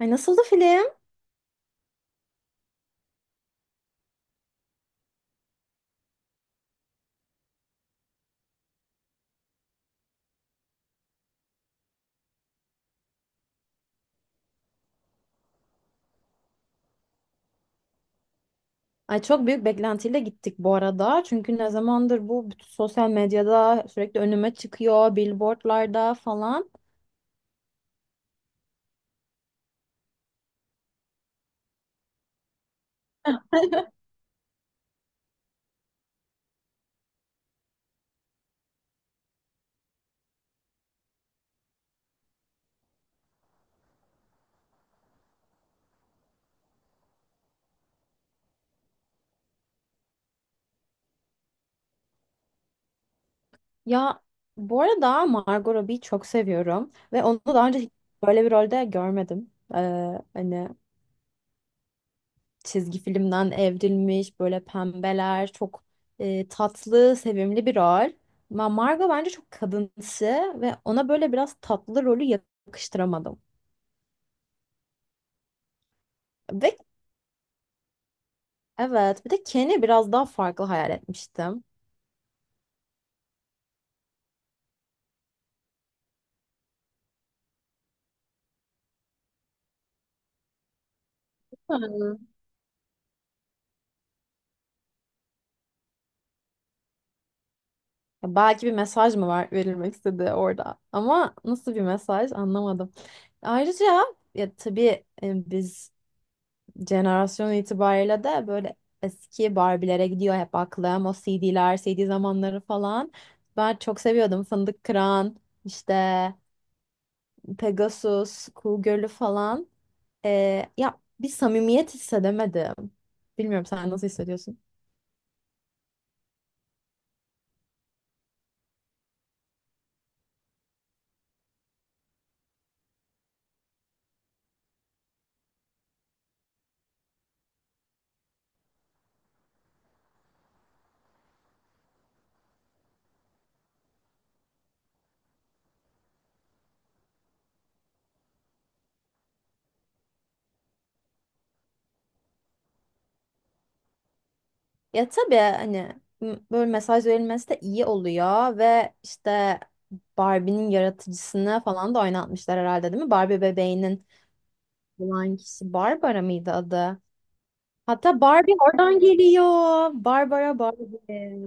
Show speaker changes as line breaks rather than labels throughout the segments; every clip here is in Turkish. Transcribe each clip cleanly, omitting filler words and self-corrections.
Ay, nasıldı film? Ay, çok büyük beklentiyle gittik bu arada. Çünkü ne zamandır bu bütün sosyal medyada sürekli önüme çıkıyor, billboardlarda falan. Ya, bu arada Margot Robbie'yi çok seviyorum ve onu daha önce hiç böyle bir rolde görmedim. Hani çizgi filmden evrilmiş, böyle pembeler, çok tatlı, sevimli bir rol. Ama Margot bence çok kadınsı ve ona böyle biraz tatlı rolü yakıştıramadım. Ve evet, bir de Ken'i biraz daha farklı hayal etmiştim. Hmm. Ya, belki bir mesaj mı var verilmek istedi orada ama nasıl bir mesaj anlamadım. Ayrıca ya tabii, biz jenerasyon itibariyle de böyle eski Barbie'lere gidiyor hep aklım. O CD'ler, CD zamanları falan. Ben çok seviyordum. Fındık Kıran, işte Pegasus, Kuğu Gölü falan. E, ya bir samimiyet hissedemedim. Bilmiyorum, sen nasıl hissediyorsun? Ya tabii hani böyle mesaj verilmesi de iyi oluyor ve işte Barbie'nin yaratıcısını falan da oynatmışlar herhalde, değil mi? Barbie bebeğinin olan kişi Barbara mıydı adı? Hatta Barbie oradan geliyor. Barbara, Barbie.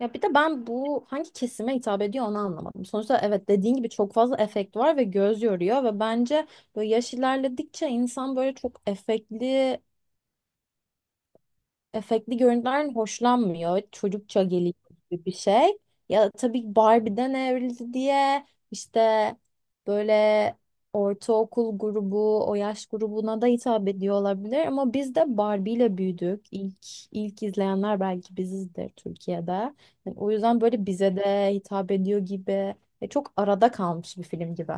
Ya bir de ben bu hangi kesime hitap ediyor onu anlamadım. Sonuçta evet, dediğin gibi çok fazla efekt var ve göz yoruyor ve bence böyle yaş ilerledikçe insan böyle çok efektli görüntülerden hoşlanmıyor. Çocukça geliyor gibi bir şey. Ya tabii Barbie'den evrildi diye işte böyle ortaokul grubu, o yaş grubuna da hitap ediyor olabilir ama biz de Barbie ile büyüdük. İlk izleyenler belki bizizdir Türkiye'de. Yani o yüzden böyle bize de hitap ediyor gibi. Ya çok arada kalmış bir film gibi.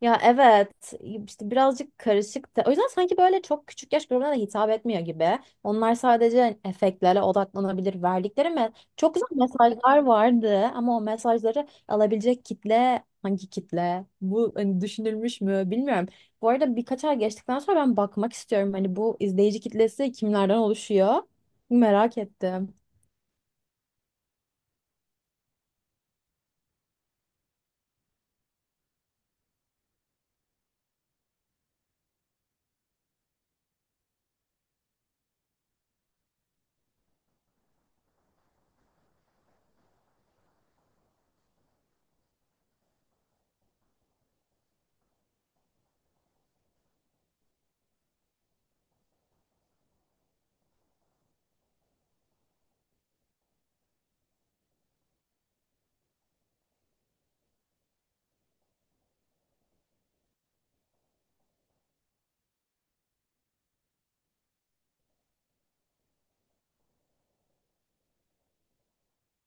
Ya evet, işte birazcık karışık da, o yüzden sanki böyle çok küçük yaş grubuna da hitap etmiyor gibi. Onlar sadece efektlere odaklanabilir, verdikleri çok güzel mesajlar vardı ama o mesajları alabilecek kitle hangi kitle? Bu hani düşünülmüş mü bilmiyorum. Bu arada birkaç ay geçtikten sonra ben bakmak istiyorum, hani bu izleyici kitlesi kimlerden oluşuyor? Merak ettim.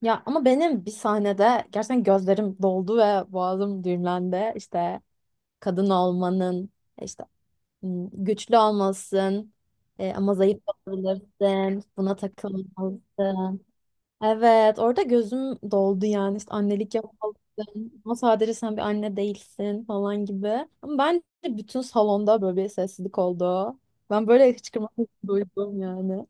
Ya ama benim bir sahnede gerçekten gözlerim doldu ve boğazım düğümlendi. İşte kadın olmanın işte, hmm, güçlü olmalısın, ama zayıf olabilirsin. Buna takılmalısın. Evet, orada gözüm doldu yani. İşte annelik yapmalısın. Ama sadece sen bir anne değilsin falan gibi. Ama bence bütün salonda böyle bir sessizlik oldu. Ben böyle hıçkırmak duydum yani.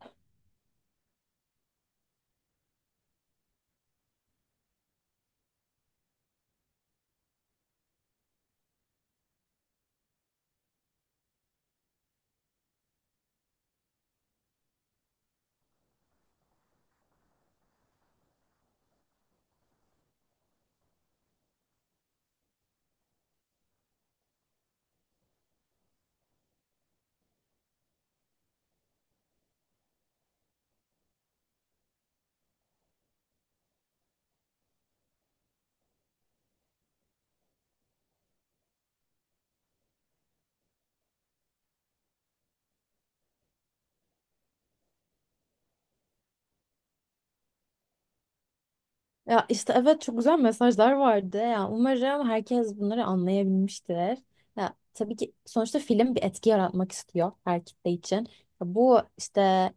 Ya işte evet, çok güzel mesajlar vardı. Ya umarım herkes bunları anlayabilmiştir. Ya tabii ki sonuçta film bir etki yaratmak istiyor her kitle için. Ya bu işte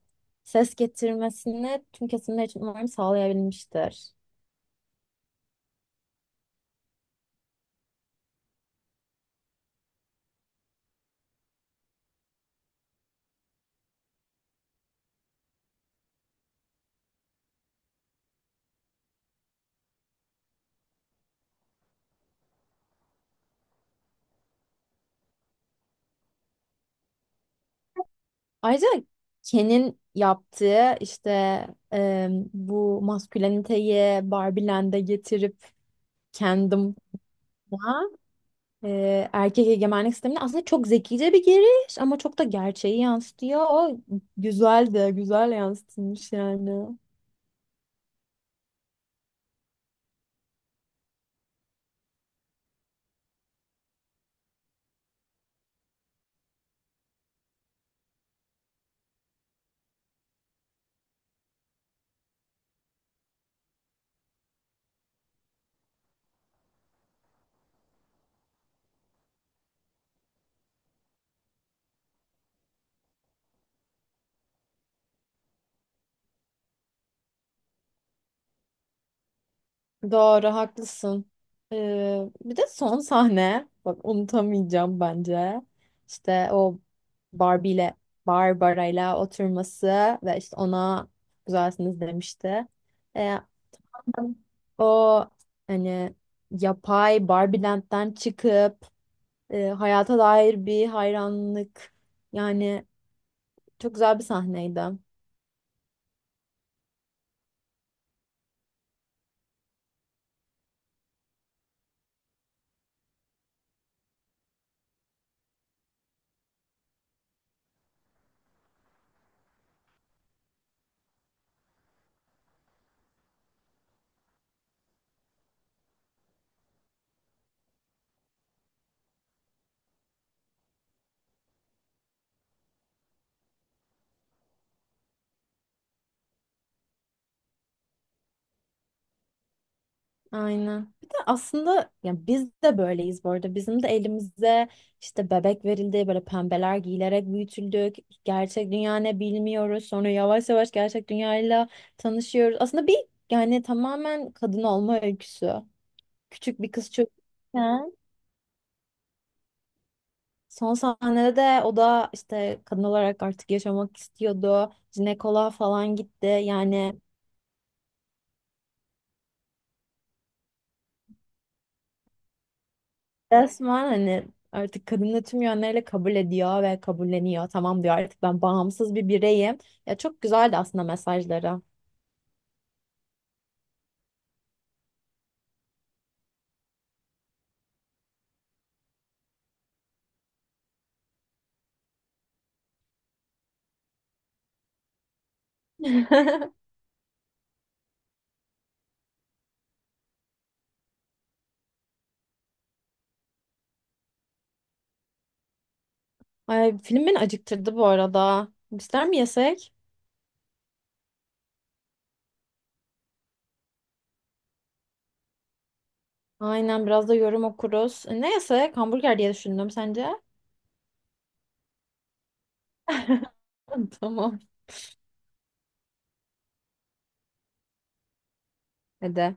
ses getirmesini tüm kesimler için umarım sağlayabilmiştir. Ayrıca Ken'in yaptığı işte, bu masküleniteyi Barbieland'e getirip kendim, erkek egemenlik sistemine aslında çok zekice bir giriş ama çok da gerçeği yansıtıyor. O güzel de güzel yansıtılmış yani. Doğru, haklısın. E, bir de son sahne, bak, unutamayacağım bence. İşte o Barbie ile Barbara ile oturması ve işte ona güzelsiniz demişti. E, o hani yapay Barbie Land'den çıkıp hayata dair bir hayranlık. Yani çok güzel bir sahneydi. Aynen. Bir de aslında yani biz de böyleyiz bu arada. Bizim de elimize işte bebek verildi, böyle pembeler giyilerek büyütüldük. Gerçek dünya ne bilmiyoruz. Sonra yavaş yavaş gerçek dünyayla tanışıyoruz. Aslında bir, yani tamamen kadın olma öyküsü. Küçük bir kız çocukken son sahnede de o da işte kadın olarak artık yaşamak istiyordu. Jinekoloğa falan gitti. Yani resmen hani artık kadını tüm yönleriyle kabul ediyor ve kabulleniyor. Tamam diyor, artık ben bağımsız bir bireyim. Ya çok güzeldi aslında mesajları. Ay, film beni acıktırdı bu arada. Bizler mi yesek? Aynen, biraz da yorum okuruz. Ne yesek? Hamburger diye düşündüm, sence? Tamam. Hadi.